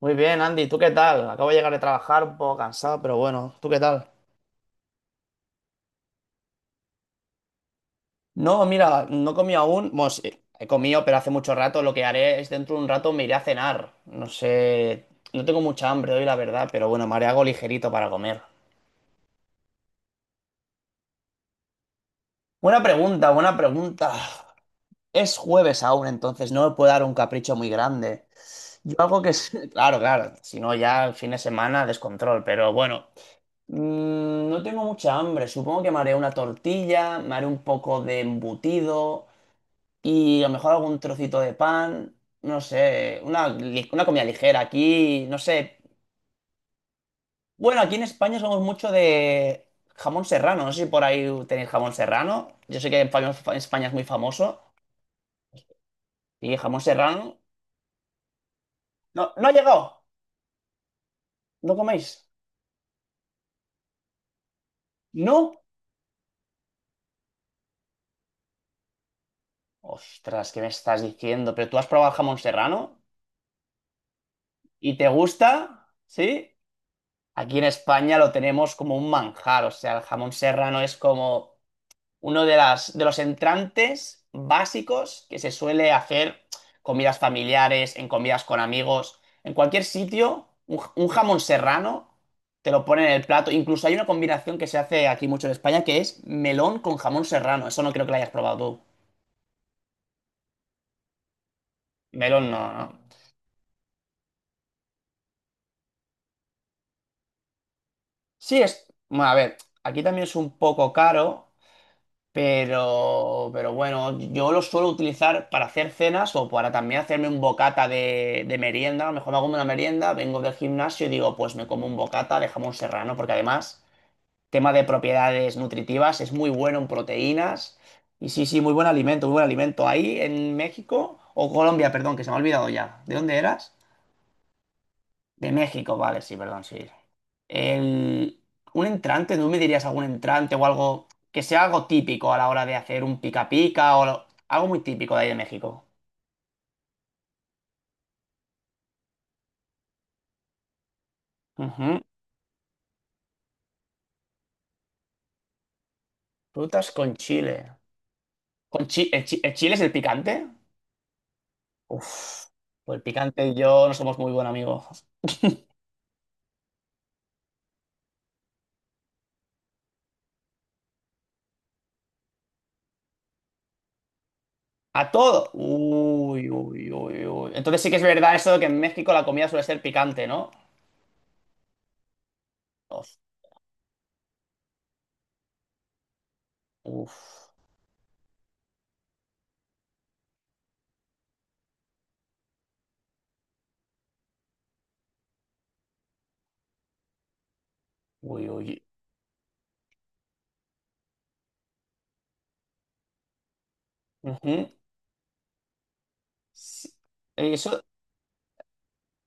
Muy bien, Andy, ¿tú qué tal? Acabo de llegar de trabajar un poco cansado, pero bueno, ¿tú qué tal? No, mira, no he comido aún. Bueno, sí, he comido, pero hace mucho rato. Lo que haré es dentro de un rato me iré a cenar. No sé, no tengo mucha hambre hoy, la verdad, pero bueno, me haré algo ligerito para comer. Buena pregunta, buena pregunta. Es jueves aún, entonces no me puedo dar un capricho muy grande. Yo algo que... es- Claro, claro, si no ya el fin de semana descontrol, pero bueno. No tengo mucha hambre. Supongo que me haré una tortilla, me haré un poco de embutido y a lo mejor algún trocito de pan. No sé, una comida ligera aquí, no sé. Bueno, aquí en España somos mucho de jamón serrano. No sé si por ahí tenéis jamón serrano. Yo sé que en España es muy famoso. Y jamón serrano. No, no ha llegado. ¿No coméis? ¿No? Ostras, ¿qué me estás diciendo? ¿Pero tú has probado el jamón serrano? ¿Y te gusta? ¿Sí? Aquí en España lo tenemos como un manjar, o sea, el jamón serrano es como uno de las, de los entrantes básicos que se suele hacer comidas familiares, en comidas con amigos, en cualquier sitio, un jamón serrano te lo ponen en el plato. Incluso hay una combinación que se hace aquí mucho en España que es melón con jamón serrano. Eso no creo que lo hayas probado tú. Melón no, no. Sí, es, bueno, a ver, aquí también es un poco caro. Pero bueno, yo lo suelo utilizar para hacer cenas o para también hacerme un bocata de merienda. A lo mejor me hago una merienda, vengo del gimnasio y digo, pues me como un bocata de jamón serrano, porque además, tema de propiedades nutritivas, es muy bueno en proteínas. Y sí, sí, muy buen alimento, muy buen alimento. Ahí en México, o Colombia, perdón, que se me ha olvidado ya. ¿De dónde eras? De México, vale, sí, perdón, sí. El... Un entrante, ¿tú me dirías algún entrante o algo que sea algo típico a la hora de hacer un pica pica o algo muy típico de ahí de México? Ujú. Frutas con chile. ¿Con chi- el chile es el picante? Uf, pues el picante y yo no somos muy buenos amigos. A todo. Uy, uy, uy, uy. Entonces sí que es verdad eso de que en México la comida suele ser picante, ¿no? Uf, uf, uy, uy. Ujú. Sí. Eso.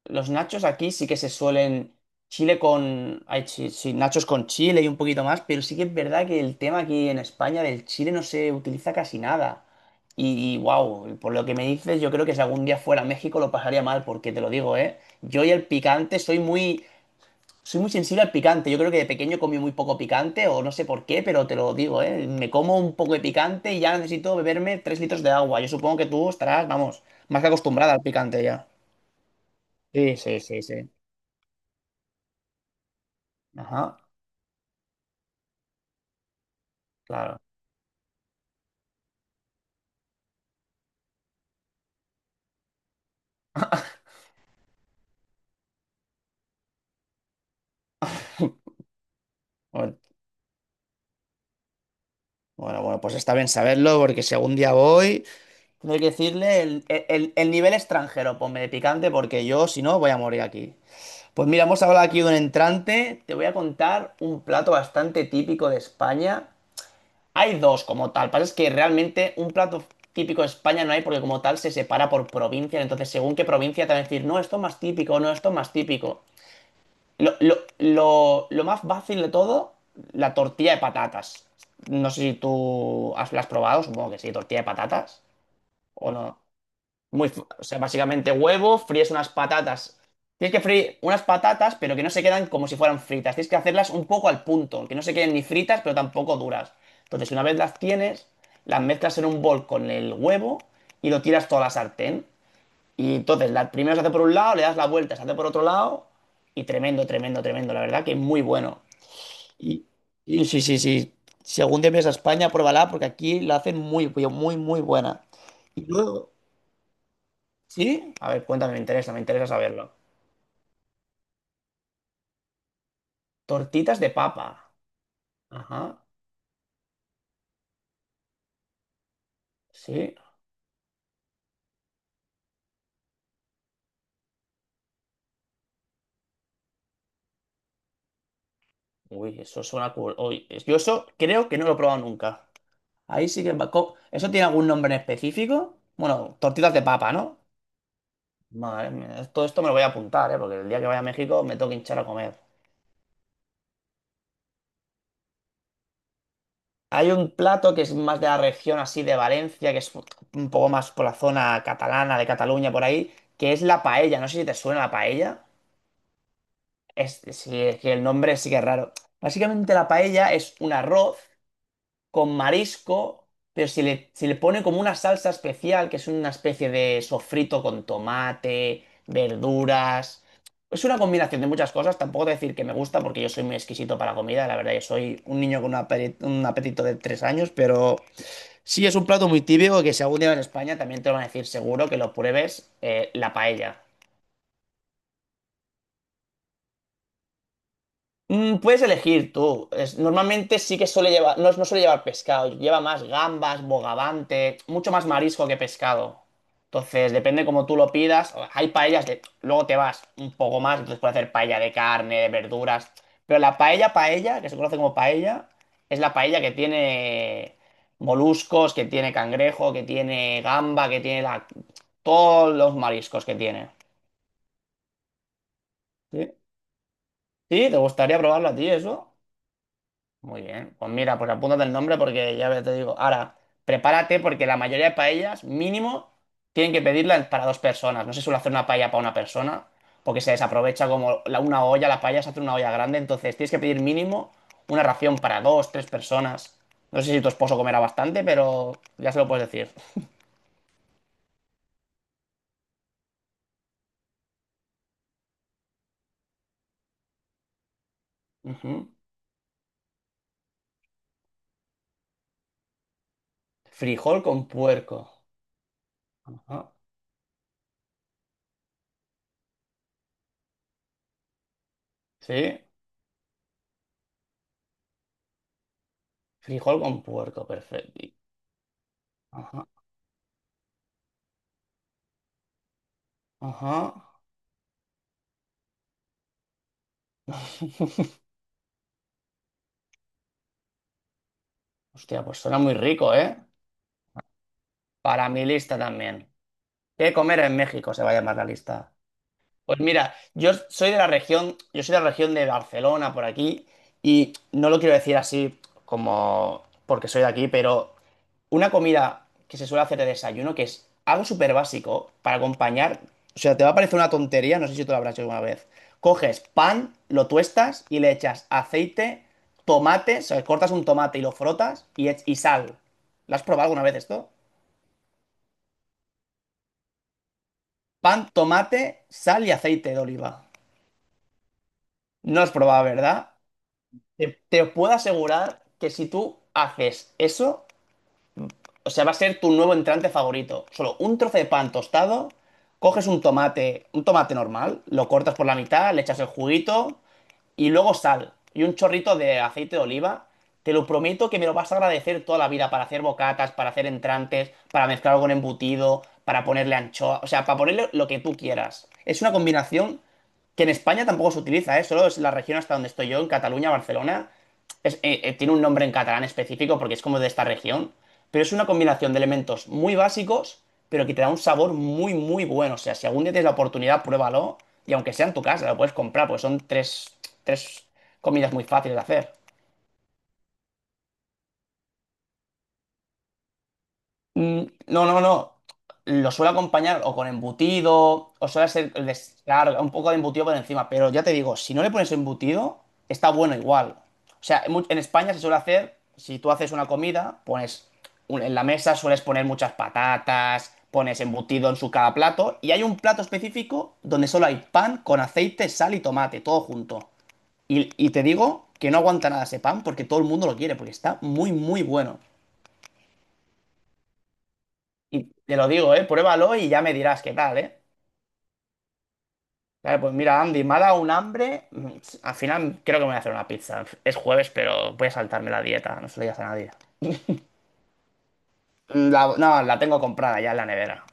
Los nachos aquí sí que se suelen. Chile con. Ay, sí, sí, nachos con chile y un poquito más, pero sí que es verdad que el tema aquí en España del chile no se utiliza casi nada. Y, wow, por lo que me dices, yo creo que si algún día fuera a México lo pasaría mal, porque te lo digo, ¿eh? Yo y el picante soy muy. Soy muy sensible al picante. Yo creo que de pequeño comí muy poco picante, o no sé por qué, pero te lo digo, ¿eh? Me como un poco de picante y ya necesito beberme 3 litros de agua. Yo supongo que tú estarás, vamos, más que acostumbrada al picante ya. Sí, sí, sí, sí. Ajá, claro. Bueno, bueno, bueno, pues está bien saberlo porque si algún día voy, tendré que decirle el nivel extranjero, ponme de picante porque yo, si no, voy a morir aquí. Pues mira, hemos hablado aquí de un entrante, te voy a contar un plato bastante típico de España. Hay dos como tal, pasa es que realmente un plato típico de España no hay porque como tal se separa por provincias, entonces según qué provincia te van a decir, no, esto es más típico, no, esto es más típico. Lo más fácil de todo, la tortilla de patatas. No sé si tú has, la has probado, supongo que sí, tortilla de patatas. O no. O sea, básicamente huevo, fríes unas patatas. Tienes que freír unas patatas, pero que no se quedan como si fueran fritas. Tienes que hacerlas un poco al punto, que no se queden ni fritas, pero tampoco duras. Entonces, una vez las tienes, las mezclas en un bol con el huevo y lo tiras toda la sartén. Y entonces, primero se hace por un lado, le das la vuelta, se hace por otro lado, y tremendo, tremendo, tremendo. La verdad que es muy bueno. Y, y sí, sí, sí. Si algún día vienes a España, pruébala, porque aquí la hacen muy, muy buena. Y luego, ¿sí? A ver, cuéntame, me interesa saberlo. Tortitas de papa. Ajá, sí. Uy, eso suena cool. Uy, yo eso creo que no lo he probado nunca. Ahí sí que... va- co- ¿Eso tiene algún nombre en específico? Bueno, tortitas de papa, ¿no? Madre mía, todo esto me lo voy a apuntar, ¿eh? Porque el día que vaya a México me tengo que hinchar a comer. Hay un plato que es más de la región así de Valencia, que es un poco más por la zona catalana, de Cataluña, por ahí, que es la paella. No sé si te suena la paella. Sí, es que el nombre sí que es raro. Básicamente la paella es un arroz con marisco, pero se le pone como una salsa especial, que es una especie de sofrito con tomate, verduras. Es una combinación de muchas cosas. Tampoco te voy a decir que me gusta porque yo soy muy exquisito para la comida. La verdad, yo soy un niño con un apetito de 3 años, pero sí es un plato muy típico que si algún día en España también te lo van a decir seguro que lo pruebes, la paella. Puedes elegir tú. Normalmente sí que suele llevar, no, no suele llevar pescado, lleva más gambas, bogavante, mucho más marisco que pescado. Entonces, depende como tú lo pidas. Hay paellas luego te vas un poco más, entonces puedes hacer paella de carne, de verduras. Pero la paella, paella, que se conoce como paella, es la paella que tiene moluscos, que tiene cangrejo, que tiene gamba, que tiene todos los mariscos que tiene. ¿Sí? ¿Sí? ¿Te gustaría probarlo a ti eso? Muy bien. Pues mira, pues apúntate el nombre porque ya te digo. Ahora, prepárate porque la mayoría de paellas, mínimo, tienen que pedirla para dos personas. No se suele hacer una paella para una persona porque se desaprovecha como una olla, la paella se hace en una olla grande. Entonces, tienes que pedir mínimo una ración para dos, tres personas. No sé si tu esposo comerá bastante, pero ya se lo puedes decir. Ujú. Frijol con puerco. Ajá. Sí, frijol con puerco, perfecto. Ajá, ajá. Hostia, pues suena muy rico, ¿eh? Para mi lista también. ¿Qué comer en México? Se va a llamar la lista. Pues mira, yo soy de la región, yo soy de la región de Barcelona, por aquí, y no lo quiero decir así como porque soy de aquí, pero una comida que se suele hacer de desayuno, que es algo súper básico para acompañar, o sea, te va a parecer una tontería, no sé si tú lo habrás hecho alguna vez. Coges pan, lo tuestas y le echas aceite, tomate, o sea, cortas un tomate y lo frotas y sal. ¿Lo has probado alguna vez esto? Pan, tomate, sal y aceite de oliva. No has probado, ¿verdad? Te puedo asegurar que si tú haces eso, o sea, va a ser tu nuevo entrante favorito. Solo un trozo de pan tostado, coges un tomate normal, lo cortas por la mitad, le echas el juguito, y luego sal y un chorrito de aceite de oliva. Te lo prometo que me lo vas a agradecer toda la vida para hacer bocatas, para hacer entrantes, para mezclarlo con embutido, para ponerle anchoa, o sea, para ponerle lo que tú quieras. Es una combinación que en España tampoco se utiliza, ¿eh? Solo es la región hasta donde estoy yo, en Cataluña, Barcelona, tiene un nombre en catalán específico porque es como de esta región, pero es una combinación de elementos muy básicos, pero que te da un sabor muy, muy bueno. O sea, si algún día tienes la oportunidad, pruébalo y aunque sea en tu casa, lo puedes comprar, pues son tres comidas muy fáciles de hacer. No, no, no. Lo suelo acompañar o con embutido, o suele ser, claro, un poco de embutido por encima, pero ya te digo, si no le pones embutido, está bueno igual. O sea, en España se suele hacer, si tú haces una comida, pones en la mesa, sueles poner muchas patatas, pones embutido en su cada plato, y hay un plato específico donde solo hay pan con aceite, sal y tomate, todo junto. Y te digo que no aguanta nada ese pan porque todo el mundo lo quiere, porque está muy, muy bueno. Y te lo digo, ¿eh? Pruébalo y ya me dirás qué tal, ¿eh? Claro, pues mira, Andy, me ha dado un hambre. Al final creo que me voy a hacer una pizza. Es jueves, pero voy a saltarme la dieta, no se lo digas a nadie. No, la tengo comprada ya en la nevera.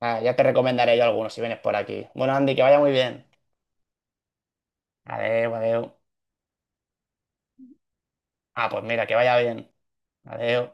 Ah, ya te recomendaré yo algunos si vienes por aquí. Bueno, Andy, que vaya muy bien. Adeu, adeu. Ah, pues mira, que vaya bien. Adeu.